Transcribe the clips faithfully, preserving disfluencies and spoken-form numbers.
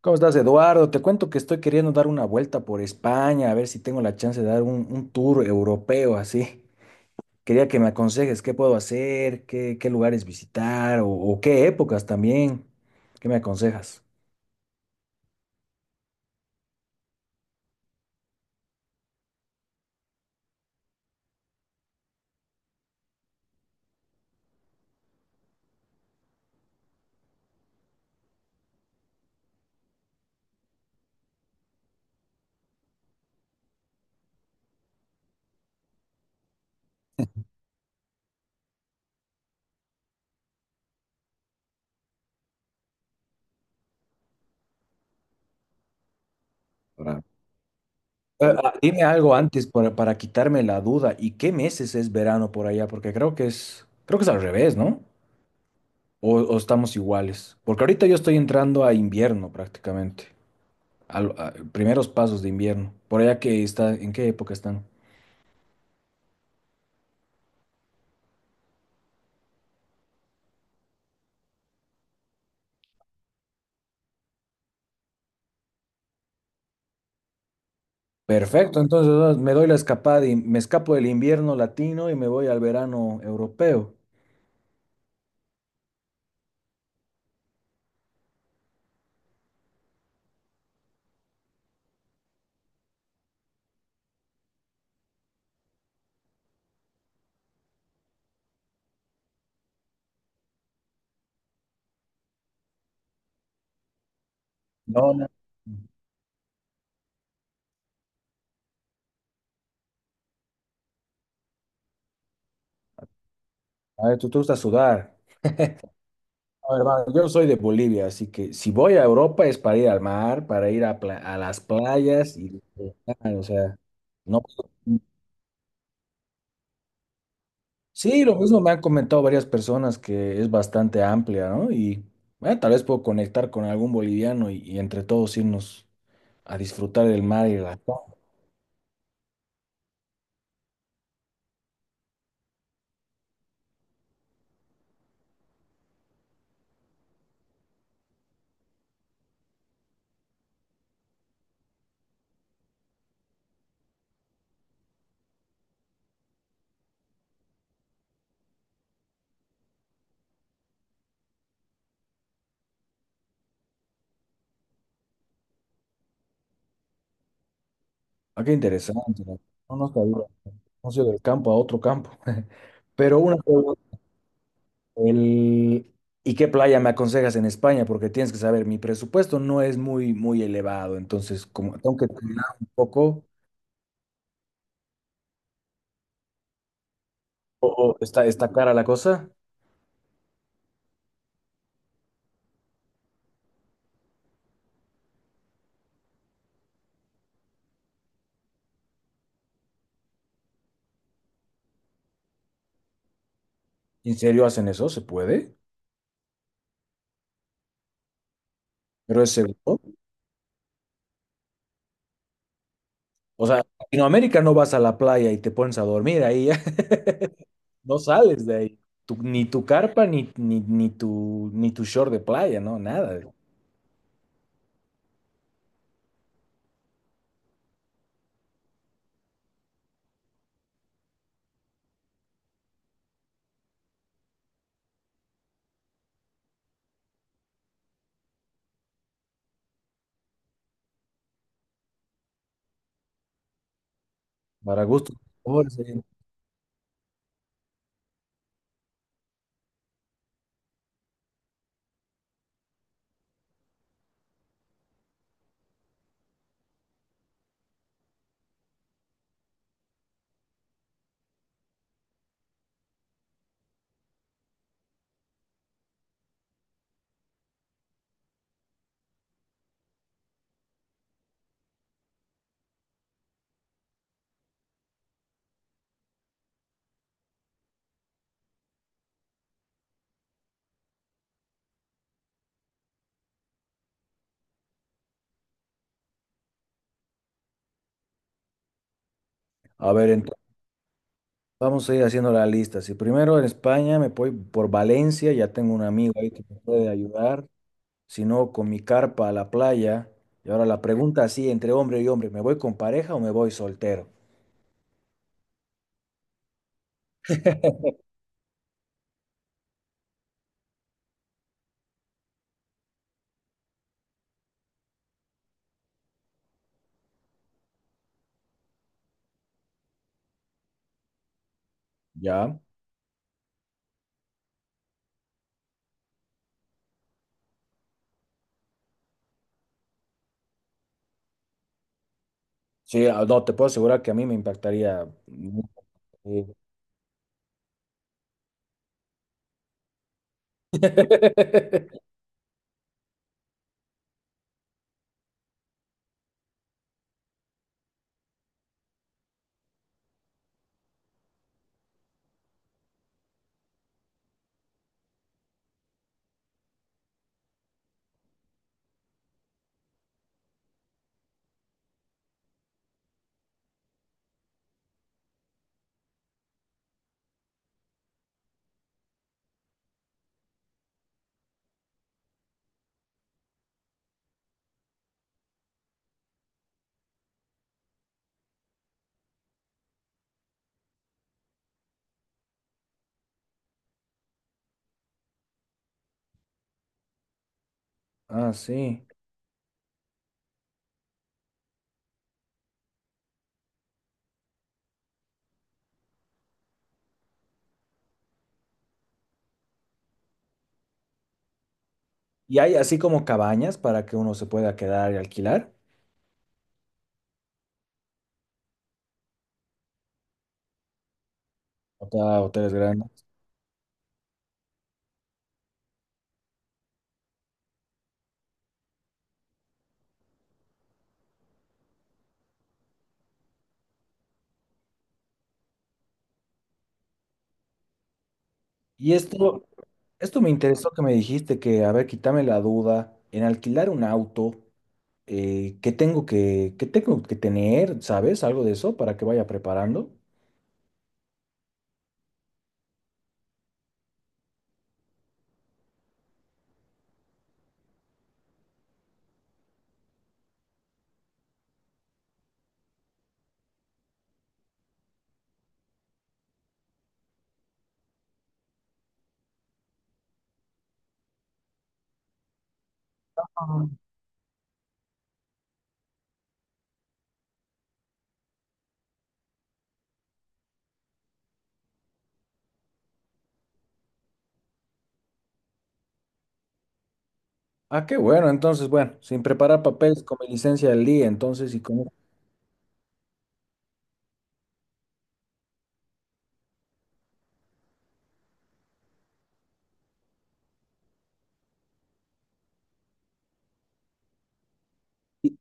¿Cómo estás, Eduardo? Te cuento que estoy queriendo dar una vuelta por España, a ver si tengo la chance de dar un, un tour europeo así. Quería que me aconsejes qué puedo hacer, qué, qué lugares visitar o, o qué épocas también. ¿Qué me aconsejas? Ahora, Eh, ah, dime algo antes para, para quitarme la duda. ¿Y qué meses es verano por allá? Porque creo que es, creo que es al revés, ¿no? O, o estamos iguales. Porque ahorita yo estoy entrando a invierno prácticamente. Al- a- primeros pasos de invierno. ¿Por allá que está, en qué época están? Perfecto, entonces ah, me doy la escapada y me escapo del invierno latino y me voy al verano europeo. No, no. A ver, tú te gusta sudar. A ver, va, yo soy de Bolivia, así que si voy a Europa es para ir al mar, para ir a, pla- a las playas y disfrutar, o sea, no. Sí, lo mismo me han comentado varias personas que es bastante amplia, ¿no? Y bueno, tal vez puedo conectar con algún boliviano y, y entre todos irnos a disfrutar del mar y la playa. Ah, qué interesante. No, no sabía. No sé, del campo a otro campo. Pero una pregunta, el... ¿y qué playa me aconsejas en España? Porque tienes que saber, mi presupuesto no es muy, muy elevado, entonces como tengo que terminar un poco, o, o está, está cara la cosa. ¿En serio hacen eso? ¿Se puede? ¿Pero es seguro? O sea, en Latinoamérica no vas a la playa y te pones a dormir ahí, no sales de ahí. Tu- ni tu carpa, ni, ni, ni tu, ni tu short de playa, no, nada. Para gusto. A ver, entonces vamos a ir haciendo la lista. Si primero en España me voy por Valencia, ya tengo un amigo ahí que me puede ayudar. Si no, con mi carpa a la playa. Y ahora la pregunta así, entre hombre y hombre, ¿me voy con pareja o me voy soltero? ¿Ya? Sí, ah, no, te puedo asegurar que a mí me impactaría mucho. Sí. Ah, sí. ¿Y hay así como cabañas para que uno se pueda quedar y alquilar? O sea, hoteles grandes. Y esto, Esto me interesó que me dijiste que, a ver, quítame la duda, en alquilar un auto, eh, ¿qué tengo que, qué tengo que tener? ¿Sabes? Algo de eso para que vaya preparando. Ah, qué bueno, entonces, bueno, sin preparar papeles, con mi licencia del día, entonces, ¿y cómo? ¿Y,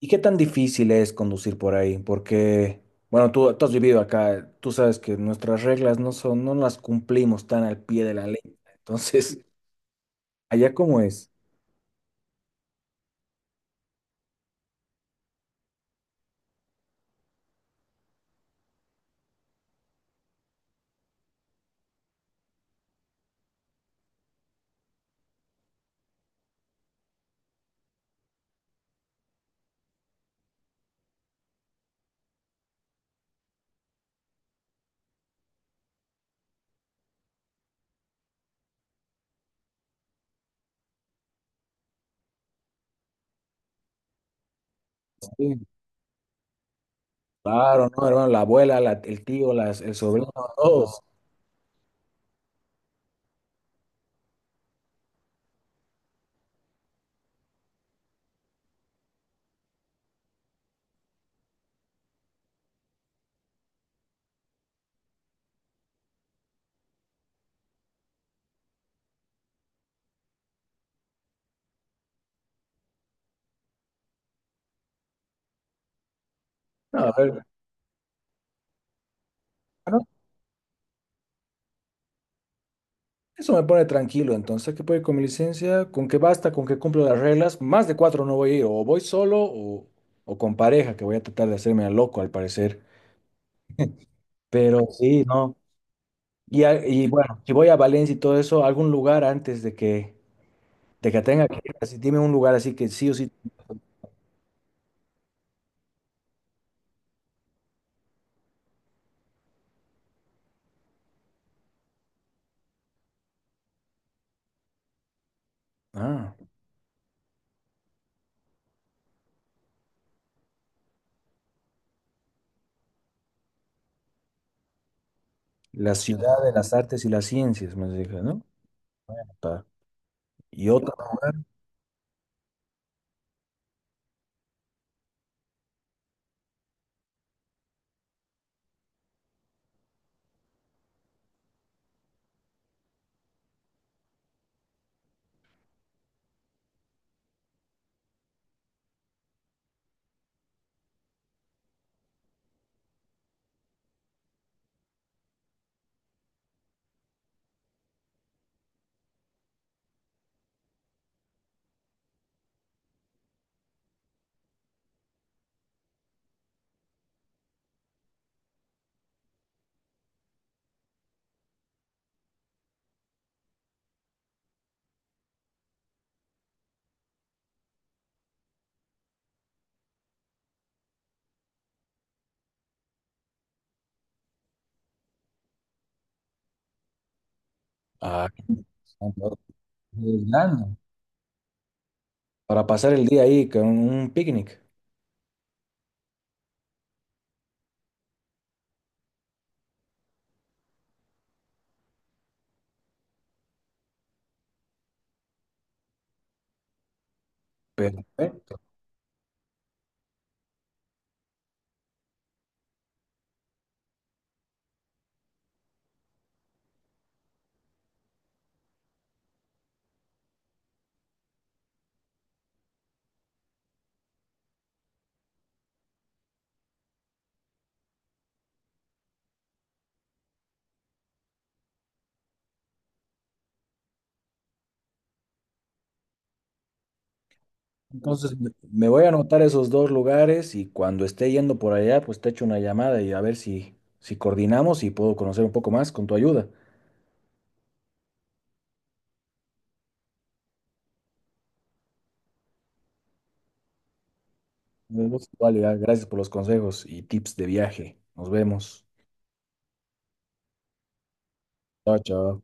¿Y qué tan difícil es conducir por ahí? Porque, bueno, tú, tú has vivido acá, tú sabes que nuestras reglas no son, no las cumplimos tan al pie de la ley. Entonces, ¿allá cómo es? Sí, claro, ¿no, hermano? La abuela, la- el tío, las, el sobrino, todos. No, a ver, bueno, eso me pone tranquilo. Entonces, ¿qué puedo ir con mi licencia? ¿Con qué basta? ¿Con que cumplo las reglas? Más de cuatro no voy a ir. O voy solo o, o con pareja, que voy a tratar de hacerme al loco al parecer. Pero sí, no. Y, a- y bueno, si voy a Valencia y todo eso, algún lugar antes de que, de que tenga que ir. Así, dime un lugar así que sí o sí. Ah, la ciudad de las artes y las ciencias, me dije, ¿no? Pa- y otra. Ah, qué interesante, otra, Irlanda, para pasar el día ahí con un picnic. Perfecto. Entonces me me voy a anotar esos dos lugares y cuando esté yendo por allá, pues te echo una llamada y a ver si, si coordinamos y puedo conocer un poco más con tu ayuda. Nos vemos igual, ya. Gracias por los consejos y tips de viaje. Nos vemos. Chao, chao.